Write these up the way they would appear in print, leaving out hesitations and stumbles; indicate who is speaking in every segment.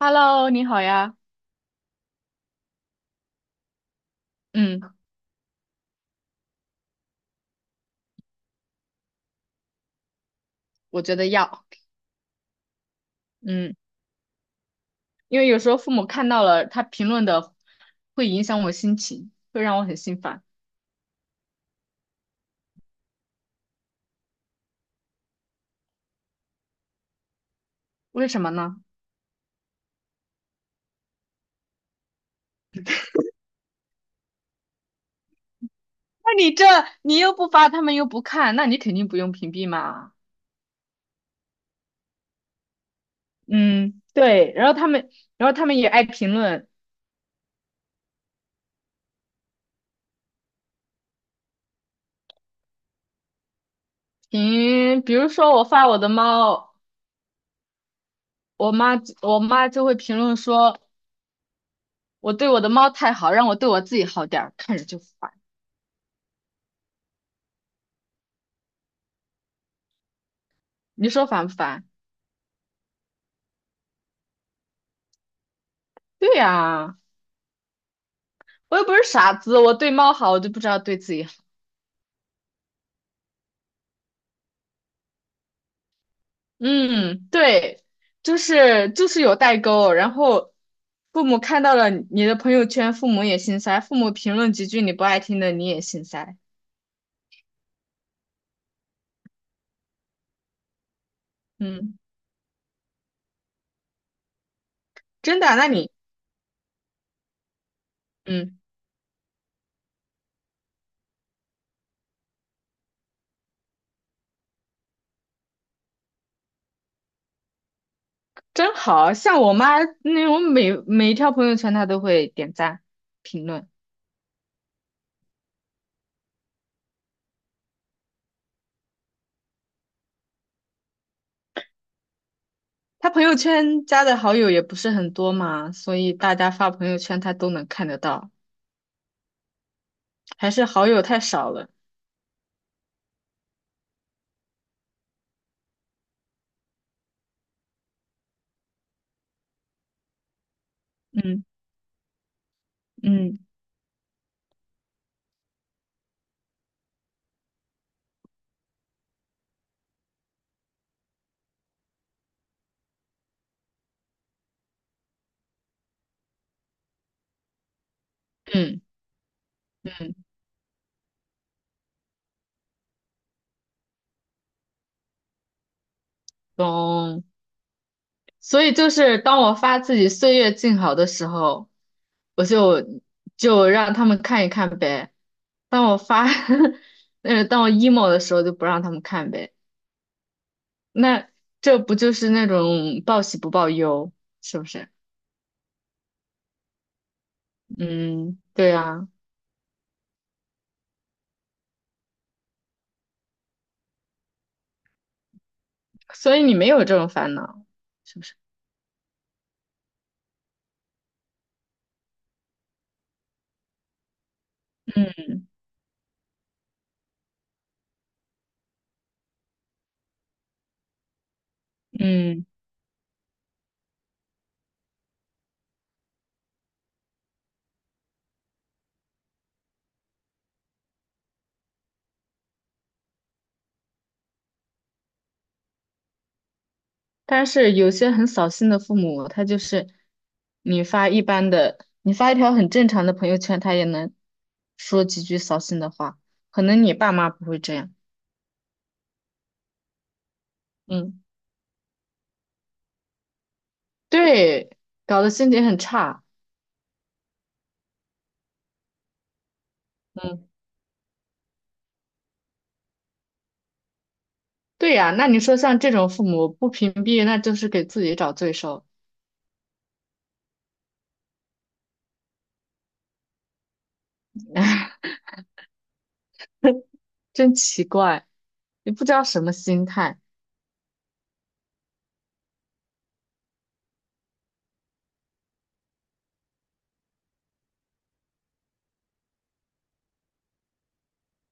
Speaker 1: Hello，你好呀。嗯，我觉得要，嗯，因为有时候父母看到了他评论的，会影响我心情，会让我很心烦。为什么呢？那你这你又不发，他们又不看，那你肯定不用屏蔽嘛。嗯，对。然后他们，然后他们也爱评论，评，比如说我发我的猫，我妈就会评论说我对我的猫太好，让我对我自己好点儿，看着就烦。你说烦不烦？对呀、我又不是傻子，我对猫好，我就不知道对自己好。嗯，对，就是有代沟。然后父母看到了你的朋友圈，父母也心塞；父母评论几句你不爱听的，你也心塞。嗯，真的啊嗯，真好像我妈，那我每每一条朋友圈她都会点赞评论，她朋友圈加的好友也不是很多嘛，所以大家发朋友圈她都能看得到，还是好友太少了。嗯嗯嗯。嗯。懂。所以就是当我发自己岁月静好的时候，我就就让他们看一看呗。当我发，当我 emo 的时候就不让他们看呗。那这不就是那种报喜不报忧，是不是？嗯，对啊。所以你没有这种烦恼，是不是？嗯嗯。但是有些很扫兴的父母，他就是你发一般的，你发一条很正常的朋友圈，他也能说几句扫兴的话。可能你爸妈不会这样，嗯，对，搞得心情很差，嗯，对呀。那你说像这种父母不屏蔽，那就是给自己找罪受，真奇怪，也不知道什么心态。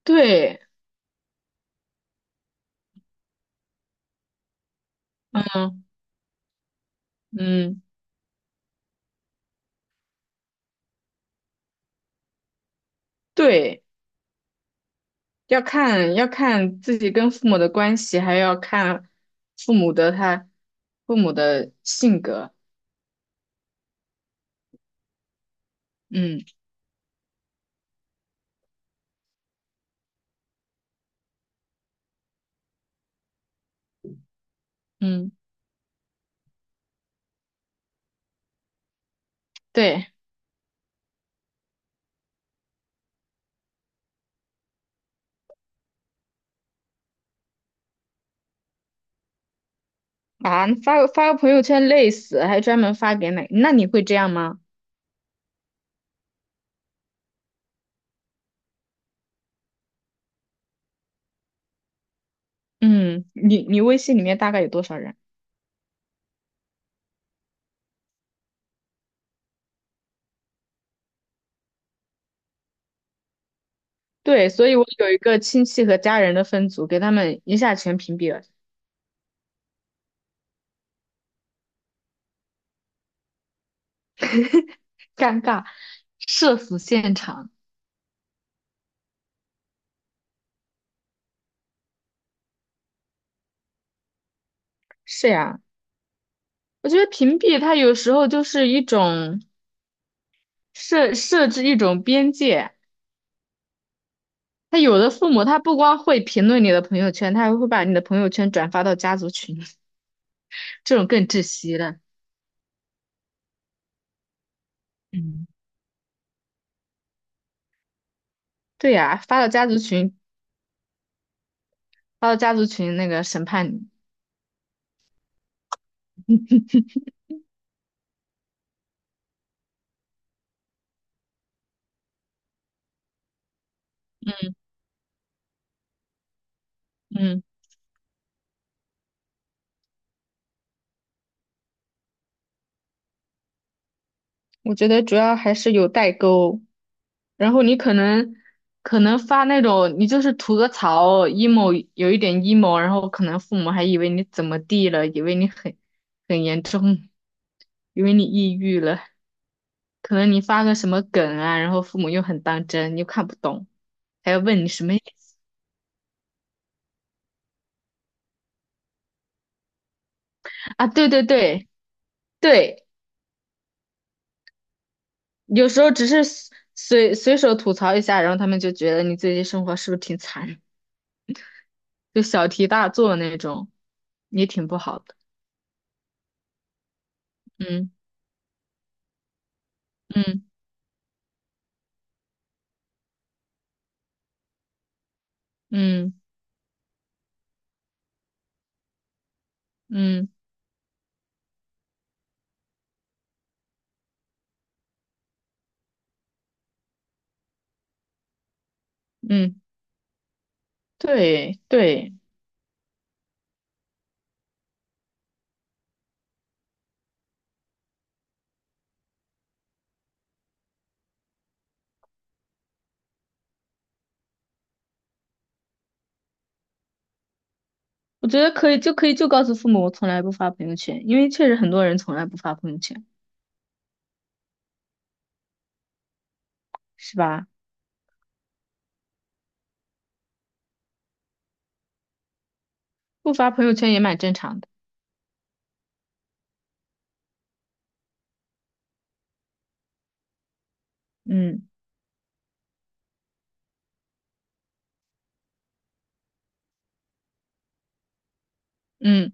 Speaker 1: 对，嗯，嗯对。要看自己跟父母的关系，还要看父母的他父母的性格。嗯。嗯，对啊，发个朋友圈累死，还专门发给哪？那你会这样吗？嗯，你你微信里面大概有多少人？对，所以我有一个亲戚和家人的分组，给他们一下全屏蔽了，尴尬。社死现场。是呀，我觉得屏蔽它有时候就是一种设置一种边界。他有的父母他不光会评论你的朋友圈，他还会把你的朋友圈转发到家族群，这种更窒息了。嗯，对呀，发到家族群，发到家族群那个审判你。嗯，我觉得主要还是有代沟，然后你可能可能发那种你就是吐个槽，emo 有一点 emo,然后可能父母还以为你怎么地了，以为你很很严重，以为你抑郁了。可能你发个什么梗啊，然后父母又很当真，又看不懂，还要问你什么意思啊？对对对对，有时候只是随手吐槽一下，然后他们就觉得你最近生活是不是挺惨，就小题大做那种，也挺不好的。嗯。嗯，嗯嗯嗯，对对，我觉得可以就可以就告诉父母我从来不发朋友圈，因为确实很多人从来不发朋友圈，是吧？不发朋友圈也蛮正常的。嗯。嗯。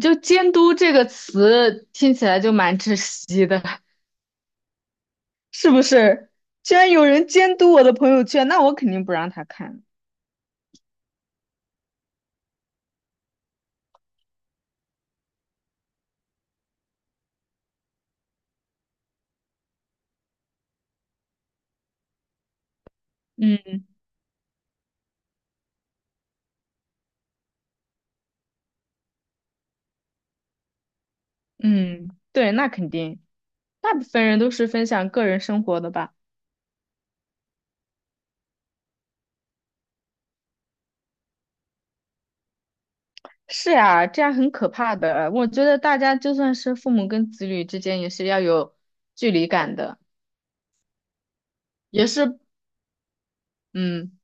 Speaker 1: 就监督这个词听起来就蛮窒息的，是不是？居然有人监督我的朋友圈，那我肯定不让他看。嗯嗯，对，那肯定，大部分人都是分享个人生活的吧？是呀，这样很可怕的。我觉得大家就算是父母跟子女之间，也是要有距离感的，也是，嗯，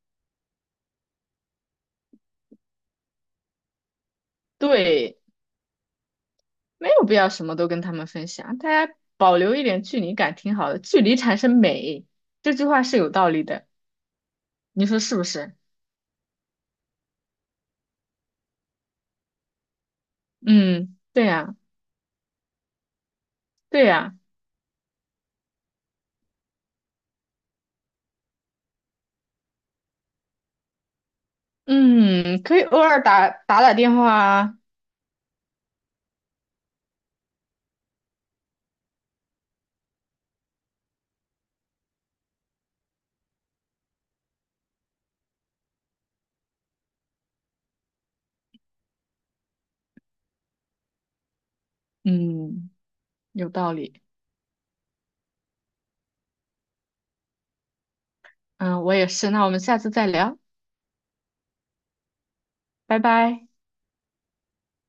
Speaker 1: 对，没有必要什么都跟他们分享，大家保留一点距离感挺好的，距离产生美，这句话是有道理的。你说是不是？嗯，对呀，对呀，嗯，可以偶尔打电话啊。嗯，有道理。嗯，我也是。那我们下次再聊，拜拜。